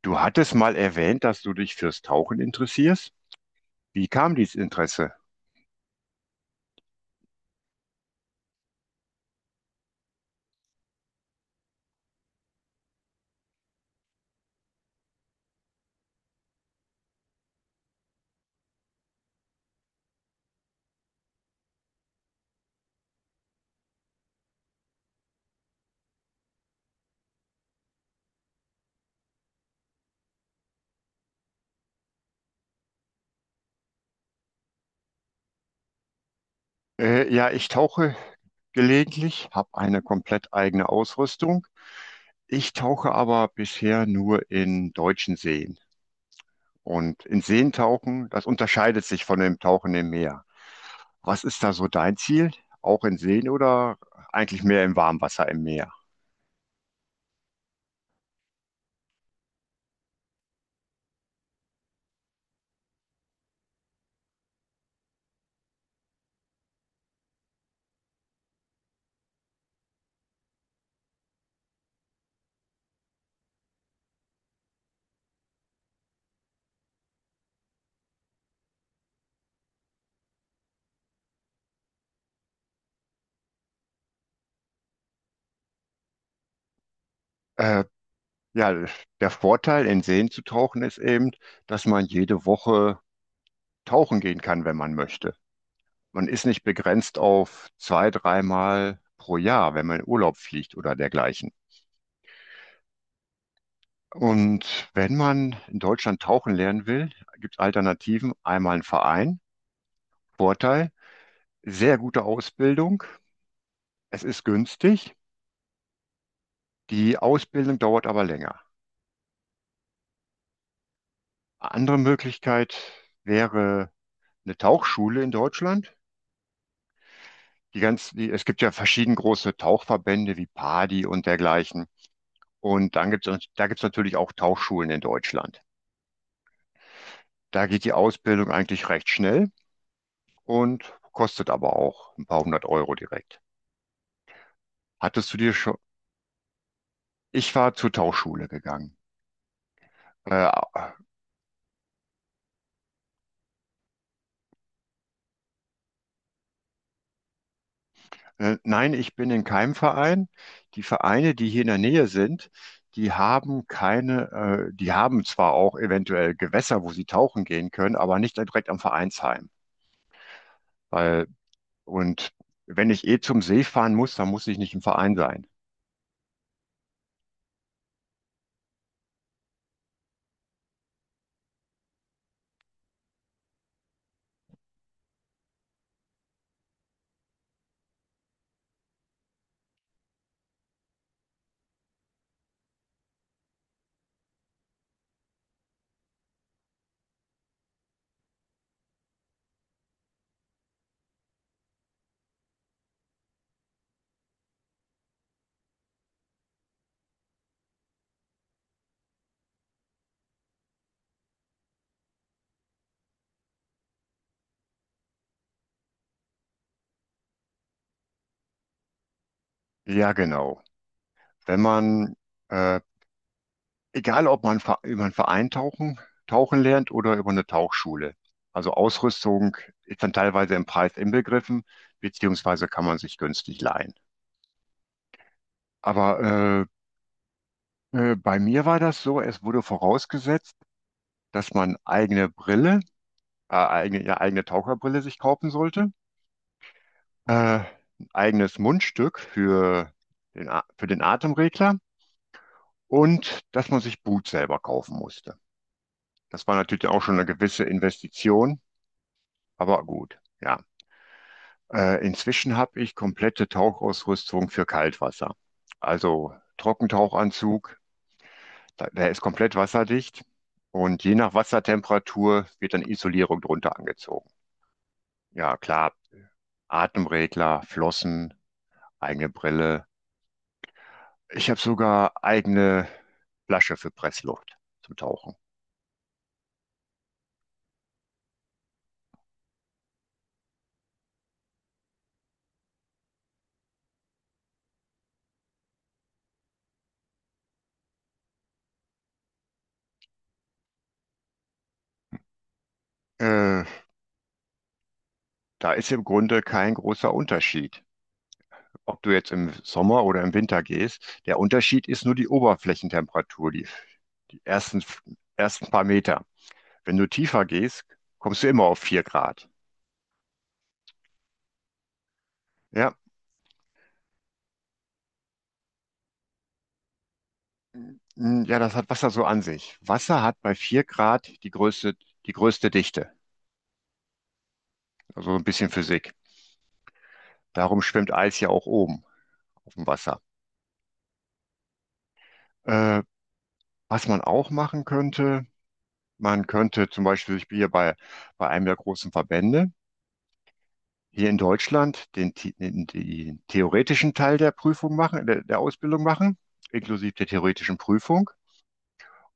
Du hattest mal erwähnt, dass du dich fürs Tauchen interessierst. Wie kam dieses Interesse? Ja, ich tauche gelegentlich, habe eine komplett eigene Ausrüstung. Ich tauche aber bisher nur in deutschen Seen. Und in Seen tauchen, das unterscheidet sich von dem Tauchen im Meer. Was ist da so dein Ziel? Auch in Seen oder eigentlich mehr im Warmwasser im Meer? Äh, ja, der Vorteil, in Seen zu tauchen, ist eben, dass man jede Woche tauchen gehen kann, wenn man möchte. Man ist nicht begrenzt auf zwei, dreimal pro Jahr, wenn man in Urlaub fliegt oder dergleichen. Und wenn man in Deutschland tauchen lernen will, gibt es Alternativen. Einmal ein Verein, Vorteil, sehr gute Ausbildung, es ist günstig, die Ausbildung dauert aber länger. Andere Möglichkeit wäre eine Tauchschule in Deutschland. Es gibt ja verschieden große Tauchverbände wie PADI und dergleichen. Und dann gibt es, da gibt es natürlich auch Tauchschulen in Deutschland. Da geht die Ausbildung eigentlich recht schnell und kostet aber auch ein paar hundert Euro direkt. Hattest du dir schon? Ich war zur Tauchschule gegangen. Äh, nein, ich bin in keinem Verein. Die Vereine, die hier in der Nähe sind, die haben keine, die haben zwar auch eventuell Gewässer, wo sie tauchen gehen können, aber nicht direkt am Vereinsheim. Weil, und wenn ich eh zum See fahren muss, dann muss ich nicht im Verein sein. Ja, genau. Wenn man äh, egal, ob man über einen Verein tauchen lernt oder über eine Tauchschule. Also Ausrüstung ist dann teilweise im Preis inbegriffen, beziehungsweise kann man sich günstig leihen. Aber bei mir war das so, es wurde vorausgesetzt, dass man eigene Brille, eigene, ja, eigene Taucherbrille sich kaufen sollte, äh, ein eigenes Mundstück für für den Atemregler und dass man sich Boot selber kaufen musste. Das war natürlich auch schon eine gewisse Investition, aber gut, ja. Inzwischen habe ich komplette Tauchausrüstung für Kaltwasser. Also Trockentauchanzug, der ist komplett wasserdicht und je nach Wassertemperatur wird dann Isolierung drunter angezogen. Ja, klar, Atemregler, Flossen, eigene Brille. Ich habe sogar eigene Flasche für Pressluft zum Tauchen. Äh, Da ist im Grunde kein großer Unterschied. Ob du jetzt im Sommer oder im Winter gehst, der Unterschied ist nur die Oberflächentemperatur, die ersten, ersten paar Meter. Wenn du tiefer gehst, kommst du immer auf 4 Grad. Ja, ja, das hat Wasser so an sich. Wasser hat bei 4 Grad die größte Dichte. Also so ein bisschen Physik. Darum schwimmt Eis ja auch oben auf dem Wasser. Äh, Was man auch machen könnte, man könnte zum Beispiel, ich bin hier bei einem der großen Verbände hier in Deutschland, den theoretischen Teil der Prüfung machen, der Ausbildung machen, inklusive der theoretischen Prüfung.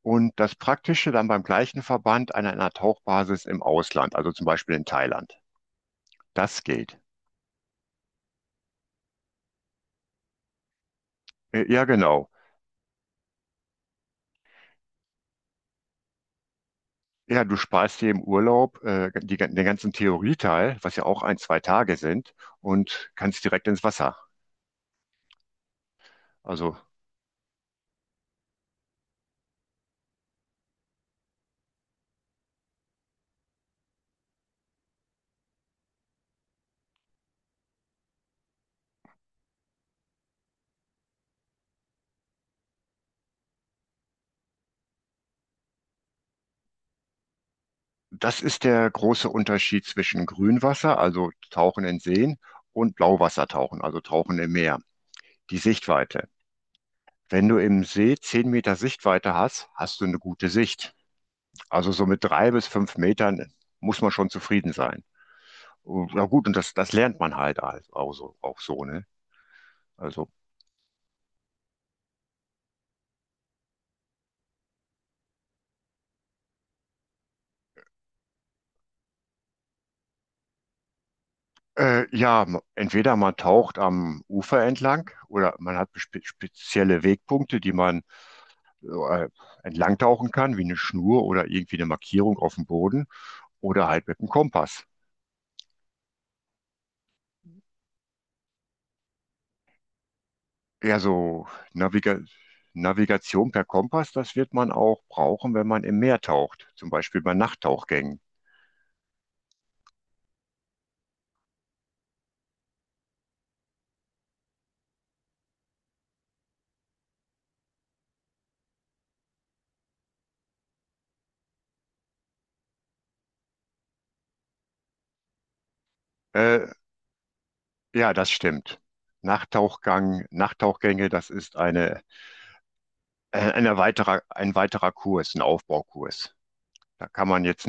Und das Praktische dann beim gleichen Verband an einer Tauchbasis im Ausland, also zum Beispiel in Thailand. Das geht. Ja, genau. Ja, du sparst dir im Urlaub die, den ganzen Theorieteil, was ja auch ein, zwei Tage sind, und kannst direkt ins Wasser. Also das ist der große Unterschied zwischen Grünwasser, also Tauchen in Seen, und Blauwassertauchen, also Tauchen im Meer. Die Sichtweite. Wenn du im See 10 Meter Sichtweite hast, hast du eine gute Sicht. Also so mit drei bis fünf Metern muss man schon zufrieden sein. Und, na gut, das lernt man halt auch so, ne? Also, ja, entweder man taucht am Ufer entlang oder man hat spezielle Wegpunkte, die man äh, entlang tauchen kann, wie eine Schnur oder irgendwie eine Markierung auf dem Boden oder halt mit dem Kompass. Ja, so Naviga Navigation per Kompass, das wird man auch brauchen, wenn man im Meer taucht, zum Beispiel bei Nachttauchgängen. Äh, ja, das stimmt. Nachttauchgang, Nachttauchgänge, das ist eine, ein weiterer Kurs, ein Aufbaukurs. Da kann man jetzt.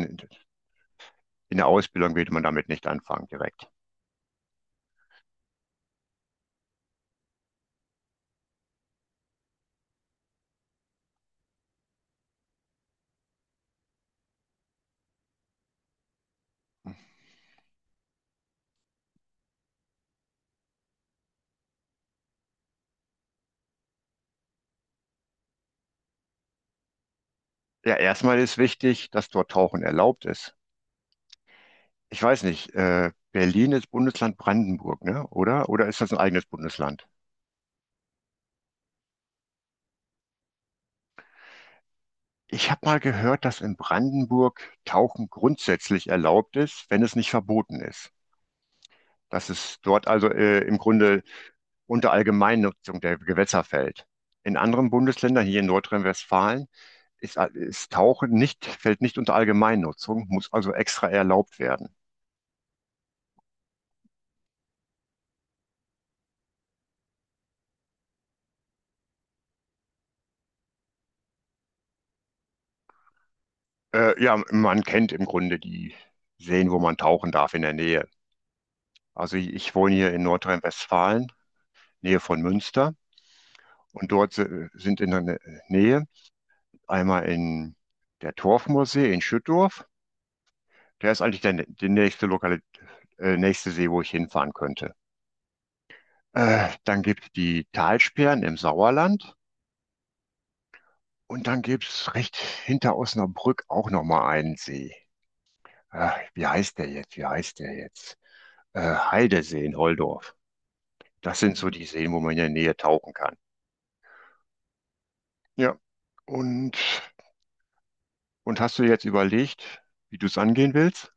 In der Ausbildung würde man damit nicht anfangen direkt. Ja, erstmal ist wichtig, dass dort Tauchen erlaubt ist. Ich weiß nicht, Berlin ist Bundesland Brandenburg, ne? Oder? Oder ist das ein eigenes Bundesland? Ich habe mal gehört, dass in Brandenburg Tauchen grundsätzlich erlaubt ist, wenn es nicht verboten ist. Dass es dort also im Grunde unter Allgemeinnutzung der Gewässer fällt. In anderen Bundesländern, hier in Nordrhein-Westfalen, ist Tauchen nicht, fällt nicht unter Allgemeinnutzung, muss also extra erlaubt werden. Ja, man kennt im Grunde die Seen, wo man tauchen darf in der Nähe. Also ich wohne hier in Nordrhein-Westfalen, Nähe von Münster. Und dort sind in der Nähe einmal in der Torfmoorsee in Schüttorf. Der ist eigentlich die nächste Lokal nächste See, wo ich hinfahren könnte. Dann gibt es die Talsperren im Sauerland und dann gibt es recht hinter Osnabrück auch nochmal einen See. Wie heißt der jetzt? Heidesee in Holdorf. Das sind so die Seen, wo man in der Nähe tauchen kann. Ja. Und, und hast du jetzt überlegt, wie du es angehen willst?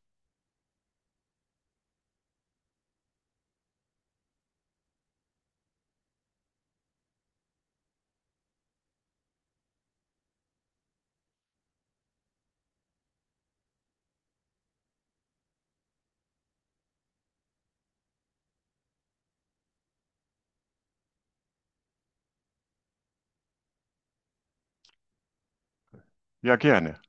Ja, gerne.